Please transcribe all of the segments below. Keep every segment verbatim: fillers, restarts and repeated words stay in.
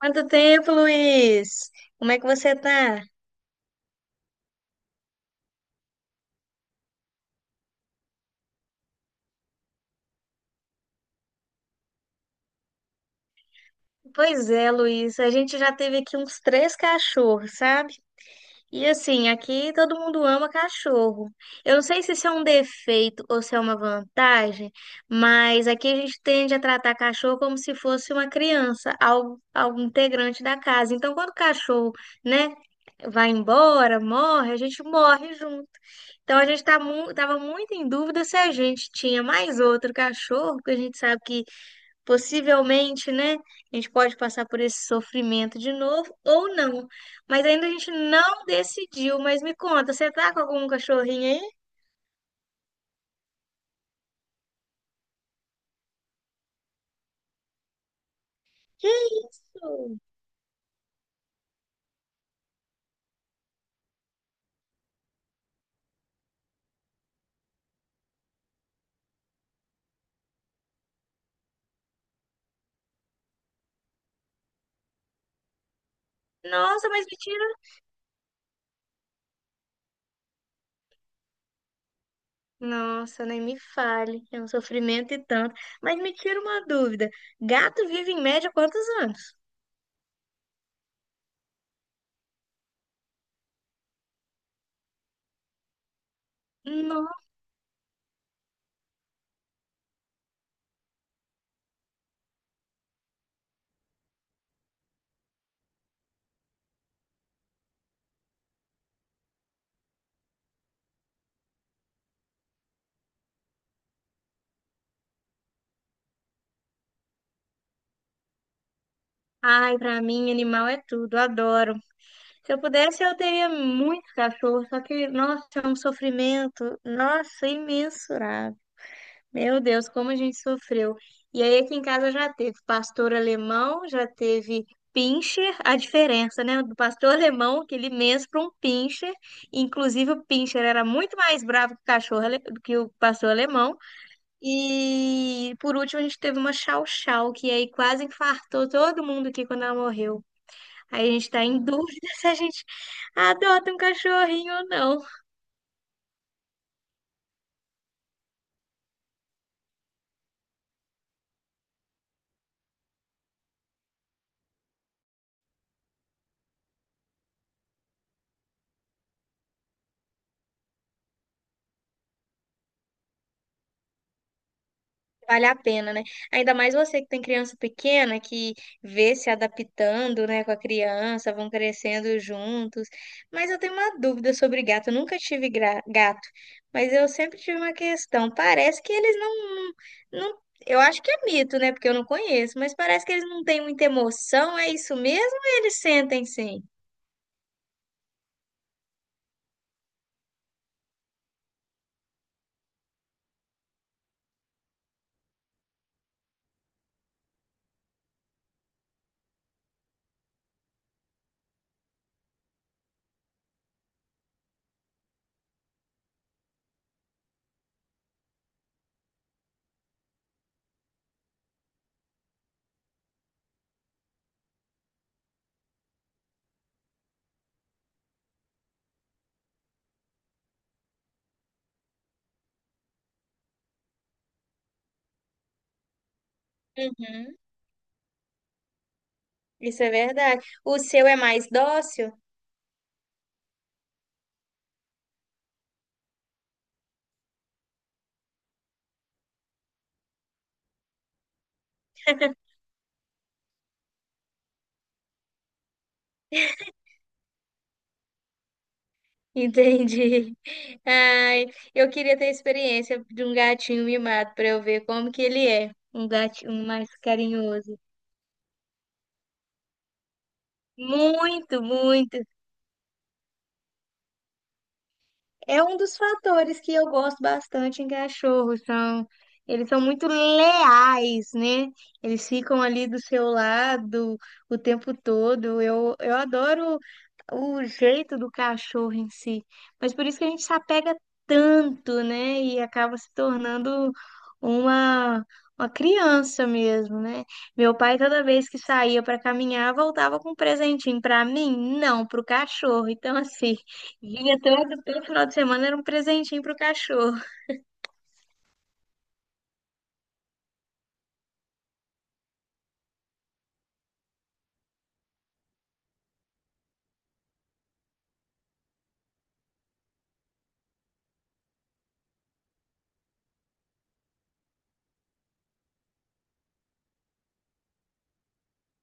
Quanto tempo, Luiz? Como é que você tá? Pois é, Luiz, a gente já teve aqui uns três cachorros, sabe? E assim, aqui todo mundo ama cachorro. Eu não sei se isso é um defeito ou se é uma vantagem, mas aqui a gente tende a tratar cachorro como se fosse uma criança, algo, algo integrante da casa. Então, quando o cachorro, né, vai embora, morre, a gente morre junto. Então a gente tá mu tava muito em dúvida se a gente tinha mais outro cachorro, porque a gente sabe que, possivelmente, né, a gente pode passar por esse sofrimento de novo ou não. Mas ainda a gente não decidiu. Mas me conta, você tá com algum cachorrinho aí? Que isso? Nossa, mas me tira. Nossa, nem me fale. É um sofrimento e tanto. Mas me tira uma dúvida. Gato vive em média quantos anos? Não. Ai, pra mim, animal é tudo. Adoro. Se eu pudesse, eu teria muitos cachorros. Só que, nossa, é um sofrimento. Nossa, imensurável. Meu Deus, como a gente sofreu. E aí aqui em casa já teve pastor alemão, já teve pincher, a diferença, né, do pastor alemão, aquele imenso para um pincher. Inclusive o pincher era muito mais bravo que o cachorro, ale- do que o pastor alemão. E por último a gente teve uma chau chau, que aí quase infartou todo mundo aqui quando ela morreu. Aí a gente tá em dúvida se a gente adota um cachorrinho ou não. Vale a pena, né? Ainda mais você que tem criança pequena, que vê se adaptando, né, com a criança, vão crescendo juntos. Mas eu tenho uma dúvida sobre gato. Eu nunca tive gra- gato, mas eu sempre tive uma questão. Parece que eles não, não... eu acho que é mito, né, porque eu não conheço, mas parece que eles não têm muita emoção. É isso mesmo? Ou eles sentem, sim? Uhum, isso é verdade. O seu é mais dócil? Entendi. Ai, eu queria ter a experiência de um gatinho mimado para eu ver como que ele é, um gatinho mais carinhoso. Muito, muito. É um dos fatores que eu gosto bastante em cachorros, são eles são muito leais, né? Eles ficam ali do seu lado o tempo todo. Eu, eu adoro o jeito do cachorro em si, mas por isso que a gente se apega tanto, né? E acaba se tornando uma uma criança mesmo, né? Meu pai toda vez que saía para caminhar, voltava com um presentinho para mim, não para o cachorro. Então, assim, vinha todo, todo final de semana era um presentinho pro cachorro.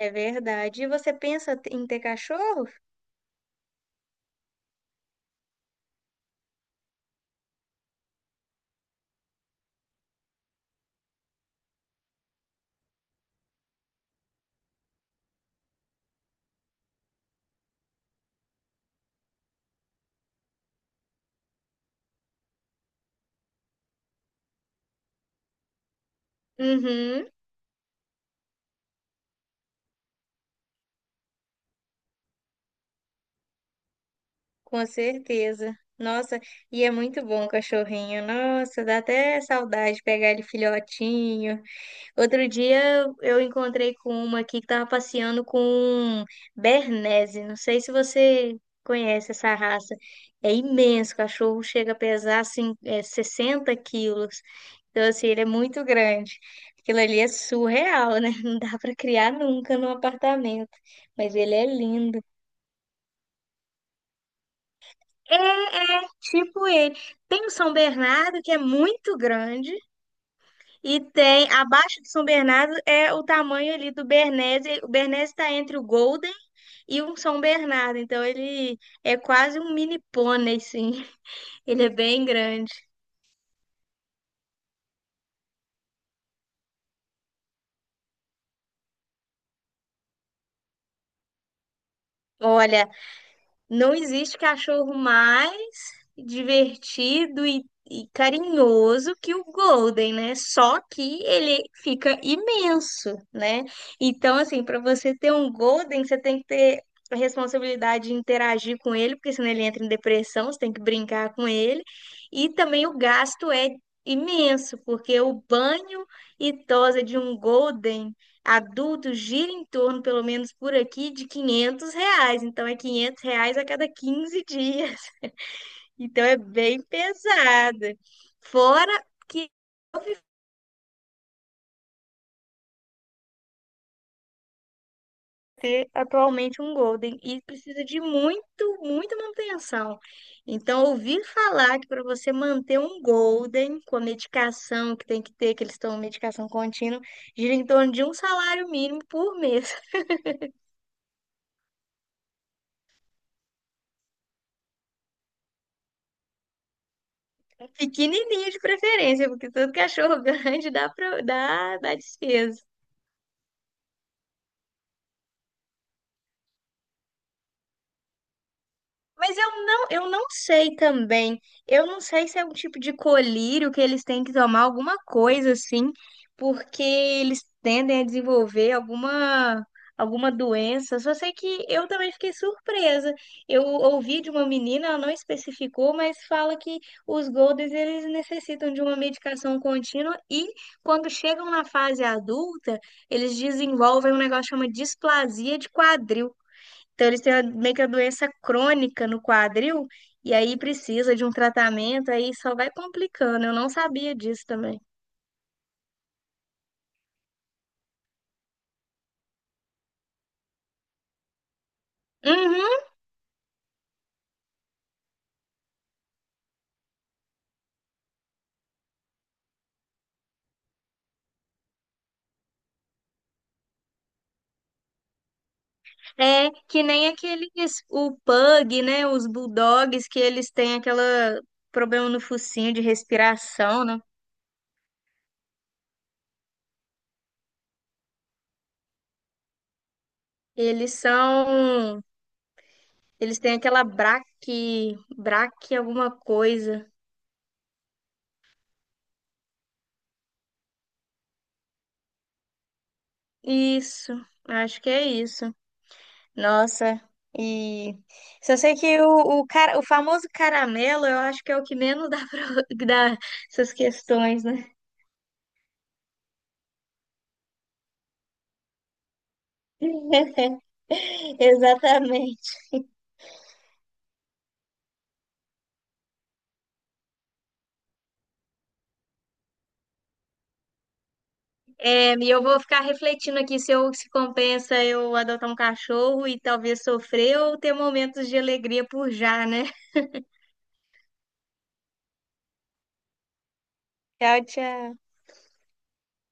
É verdade. E você pensa t- em ter cachorro? Uhum. Com certeza. Nossa, e é muito bom o cachorrinho. Nossa, dá até saudade de pegar ele filhotinho. Outro dia eu encontrei com uma aqui que estava passeando com Bernese. Não sei se você conhece essa raça. É imenso, o cachorro chega a pesar assim, é, sessenta quilos. Então, assim, ele é muito grande. Aquilo ali é surreal, né? Não dá para criar nunca num apartamento. Mas ele é lindo. É, é, tipo ele. Tem o São Bernardo, que é muito grande. E tem, abaixo de São Bernardo, é o tamanho ali do Bernese. O Bernese está entre o Golden e o São Bernardo. Então ele é quase um mini pônei, sim. Ele é bem grande. Olha, não existe cachorro mais divertido e, e carinhoso que o Golden, né? Só que ele fica imenso, né? Então, assim, para você ter um Golden, você tem que ter a responsabilidade de interagir com ele, porque senão ele entra em depressão, você tem que brincar com ele. E também o gasto é imenso, porque o banho e tosa de um Golden adulto gira em torno, pelo menos por aqui, de quinhentos reais. Então, é quinhentos reais a cada quinze dias. Então, é bem pesada. Fora que eu vivo ter atualmente um Golden e precisa de muito, muita manutenção. Então, ouvir falar que para você manter um Golden com a medicação que tem que ter, que eles estão medicação contínua, gira em torno de um salário mínimo por mês. Pequenininho de preferência, porque todo cachorro grande dá, pro, dá, dá despesa. Mas eu não, eu não sei também. Eu não sei se é um tipo de colírio que eles têm que tomar alguma coisa assim, porque eles tendem a desenvolver alguma alguma doença. Só sei que eu também fiquei surpresa. Eu ouvi de uma menina, ela não especificou, mas fala que os Golders eles necessitam de uma medicação contínua e quando chegam na fase adulta, eles desenvolvem um negócio que chama displasia de quadril. Então, eles têm meio que a doença crônica no quadril, e aí precisa de um tratamento, aí só vai complicando. Eu não sabia disso também. Uhum, é que nem aqueles, o pug, né? Os bulldogs, que eles têm aquela problema no focinho de respiração, né? Eles são, eles têm aquela braque, braque alguma coisa. Isso, acho que é isso. Nossa, e só sei que o, o, cara, o famoso caramelo, eu acho que é o que menos dá para dá essas questões, né? Exatamente. É, e eu vou ficar refletindo aqui se eu se compensa eu adotar um cachorro e talvez sofrer ou ter momentos de alegria por já, né? Tchau, tchau.